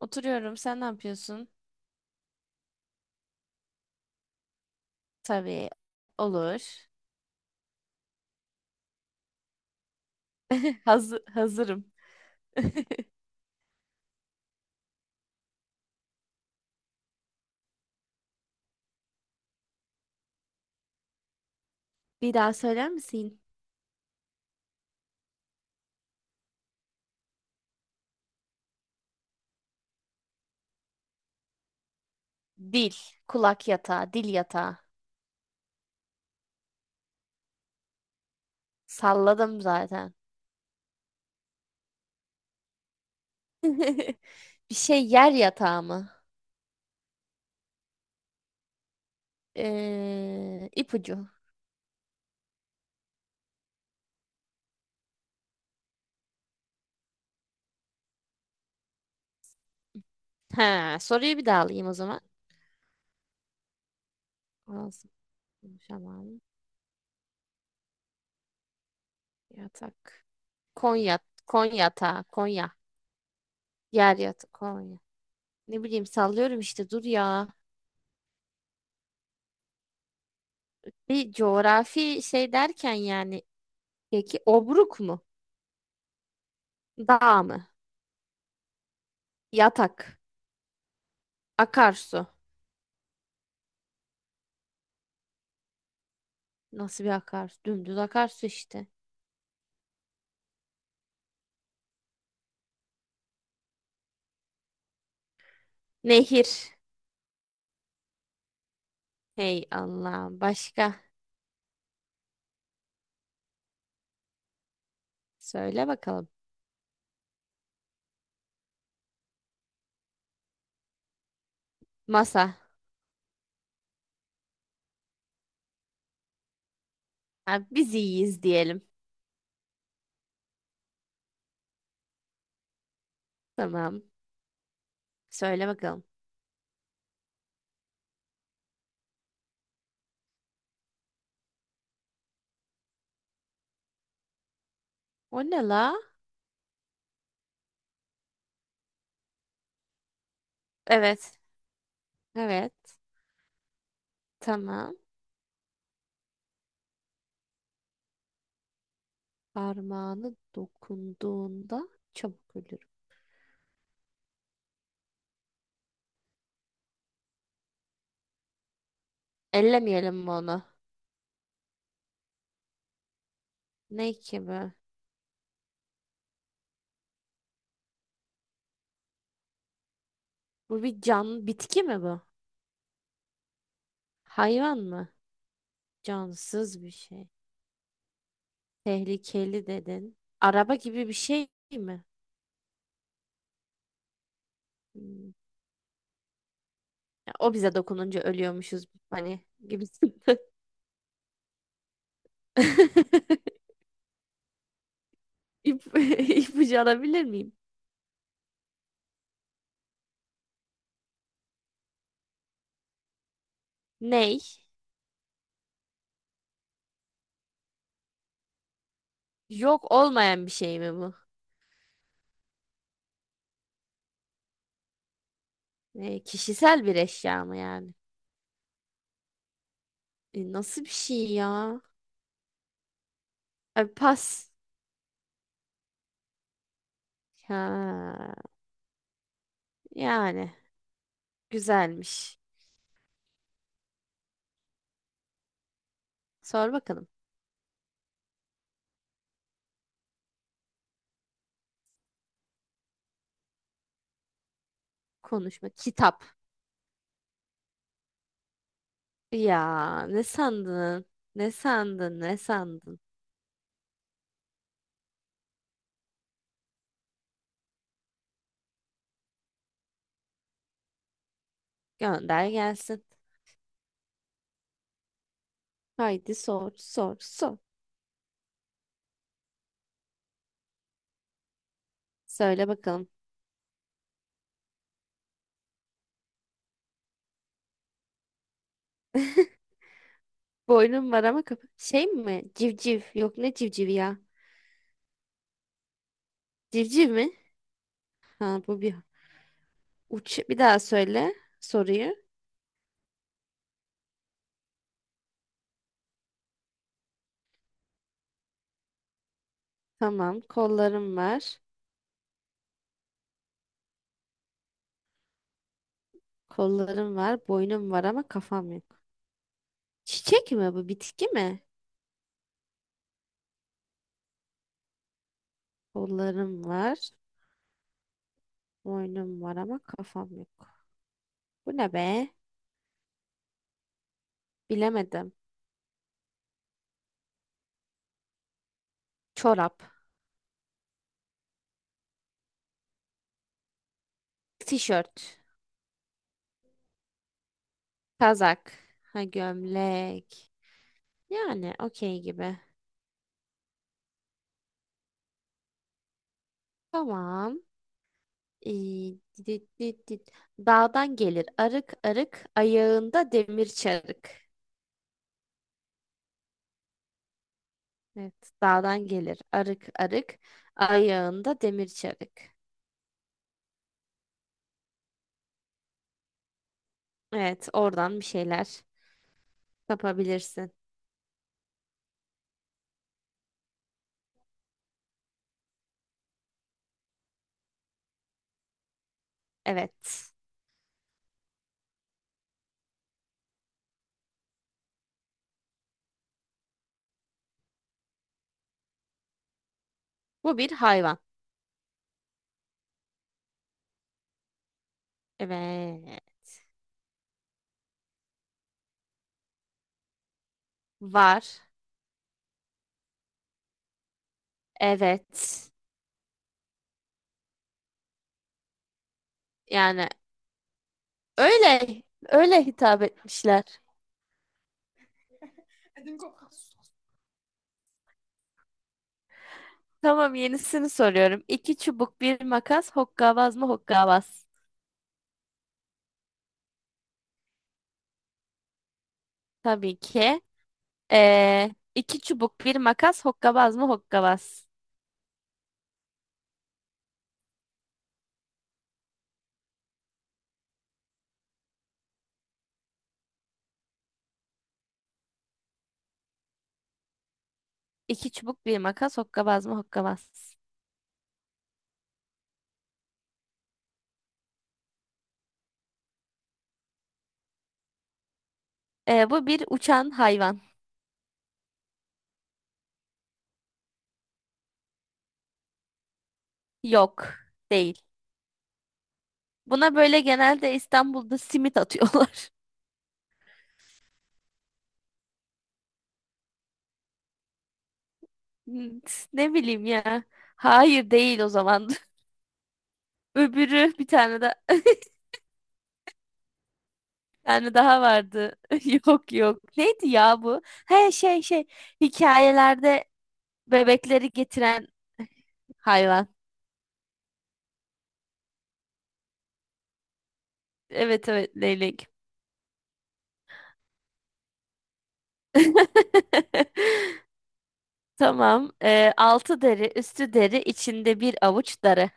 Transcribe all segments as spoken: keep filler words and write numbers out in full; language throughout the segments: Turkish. Oturuyorum. Sen ne yapıyorsun? Tabii. Olur. Hazır, hazırım. Bir daha söyler misin? Dil. Kulak yatağı. Dil yatağı. Salladım zaten. Bir şey yer yatağı mı? Ee, ipucu. Ha, soruyu bir daha alayım o zaman. Ağzım konuşamam. Yatak. Konya. Konyatağı. Konya. Yer yatağı. Konya. Ne bileyim sallıyorum işte dur ya. Bir coğrafi şey derken yani peki obruk mu? Dağ mı? Yatak. Akarsu. Nasıl bir akarsu? Dümdüz akarsu işte. Nehir. Hey Allah'ım. Başka? Söyle bakalım. Masa. Ha, biz iyiyiz diyelim. Tamam. Söyle bakalım. O ne la? Evet. Evet. Tamam. Parmağını dokunduğunda çabuk ölür. Ellemeyelim mi onu? Ne ki bu? Bu bir can, bitki mi bu? Hayvan mı? Cansız bir şey. Tehlikeli dedin. Araba gibi bir şey mi? Hmm. Ya, o bize dokununca ölüyormuşuz hani gibisinden. İp, ipucu alabilir miyim? Ney? Yok olmayan bir şey mi bu? Ne, kişisel bir eşya mı yani? E, nasıl bir şey ya? Abi pas. Ha, yani güzelmiş. Sor bakalım. Konuşma. Kitap. Ya ne sandın? Ne sandın? Ne sandın? Gönder gelsin. Haydi sor, sor, sor. Söyle bakalım. Boynum var ama kapı. Şey mi? Civciv. Yok ne civcivi ya? Civciv mi? Ha bu bir. Uç. Bir daha söyle soruyu. Tamam. Kollarım var. Kollarım var. Boynum var ama kafam yok. Çiçek mi bu? Bitki mi? Kollarım var. Boynum var ama kafam yok. Bu ne be? Bilemedim. Çorap. Tişört. Kazak. Ha gömlek. Yani okey gibi. Tamam. İyi, dit, dit, dit. Dağdan gelir arık arık, ayağında demir çarık. Evet, dağdan gelir arık arık, ayağında demir çarık. Evet, oradan bir şeyler yapabilirsin. Evet, bu bir hayvan. Evet, var. Evet, yani öyle, öyle hitap etmişler. Tamam, yenisini soruyorum. İki çubuk bir makas, hokkabaz mı hokkabaz? Tabii ki. Ee, iki çubuk bir makas hokkabaz mı hokkabaz? İki çubuk bir makas hokkabaz mı hokkabaz? Ee, bu bir uçan hayvan. Yok değil. Buna böyle genelde İstanbul'da simit atıyorlar. Ne bileyim ya. Hayır değil o zaman. Öbürü bir tane de bir tane daha vardı. Yok yok. Neydi ya bu? He şey şey hikayelerde bebekleri getiren hayvan. Evet evet leylek. Tamam. Ee, altı deri, üstü deri, içinde bir avuç darı.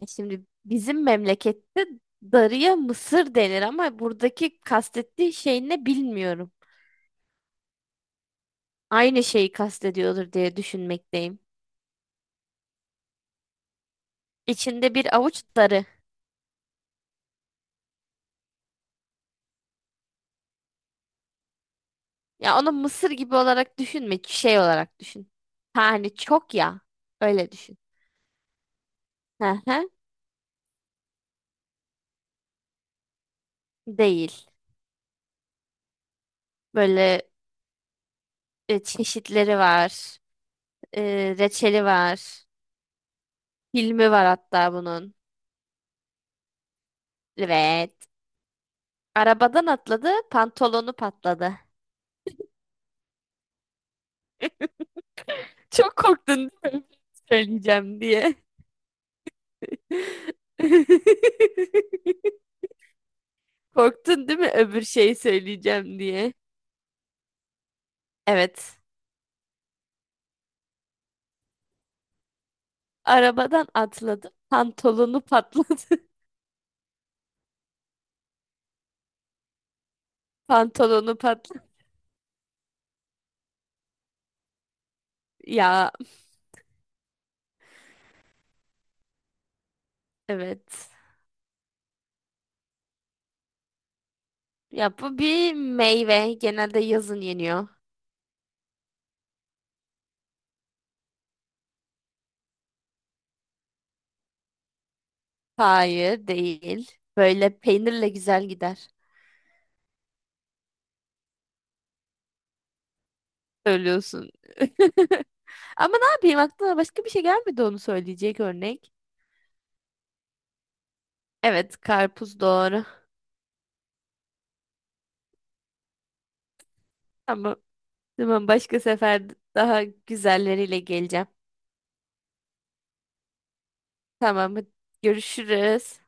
E şimdi bizim memlekette darıya mısır denir ama buradaki kastettiği şey ne bilmiyorum. Aynı şeyi kastediyordur diye düşünmekteyim. İçinde bir avuç darı. Ya onu mısır gibi olarak düşünme, şey olarak düşün. Ha, hani çok ya. Öyle düşün. Hı hı. Değil. Böyle e, çeşitleri var. E, reçeli var. Filmi var hatta bunun. Evet. Arabadan atladı, pantolonu patladı. Çok korktun değil mi? Söyleyeceğim diye. Korktun değil mi? Öbür şeyi söyleyeceğim diye. Evet. Arabadan atladı, pantolonu patladı. Pantolonu patladı. Ya evet. Ya bu bir meyve. Genelde yazın yeniyor. Hayır, değil. Böyle peynirle güzel gider. Söylüyorsun. Ama ne yapayım aklıma başka bir şey gelmedi onu söyleyecek örnek. Evet, karpuz doğru. Ama tamam başka sefer daha güzelleriyle geleceğim. Tamam, hadi görüşürüz.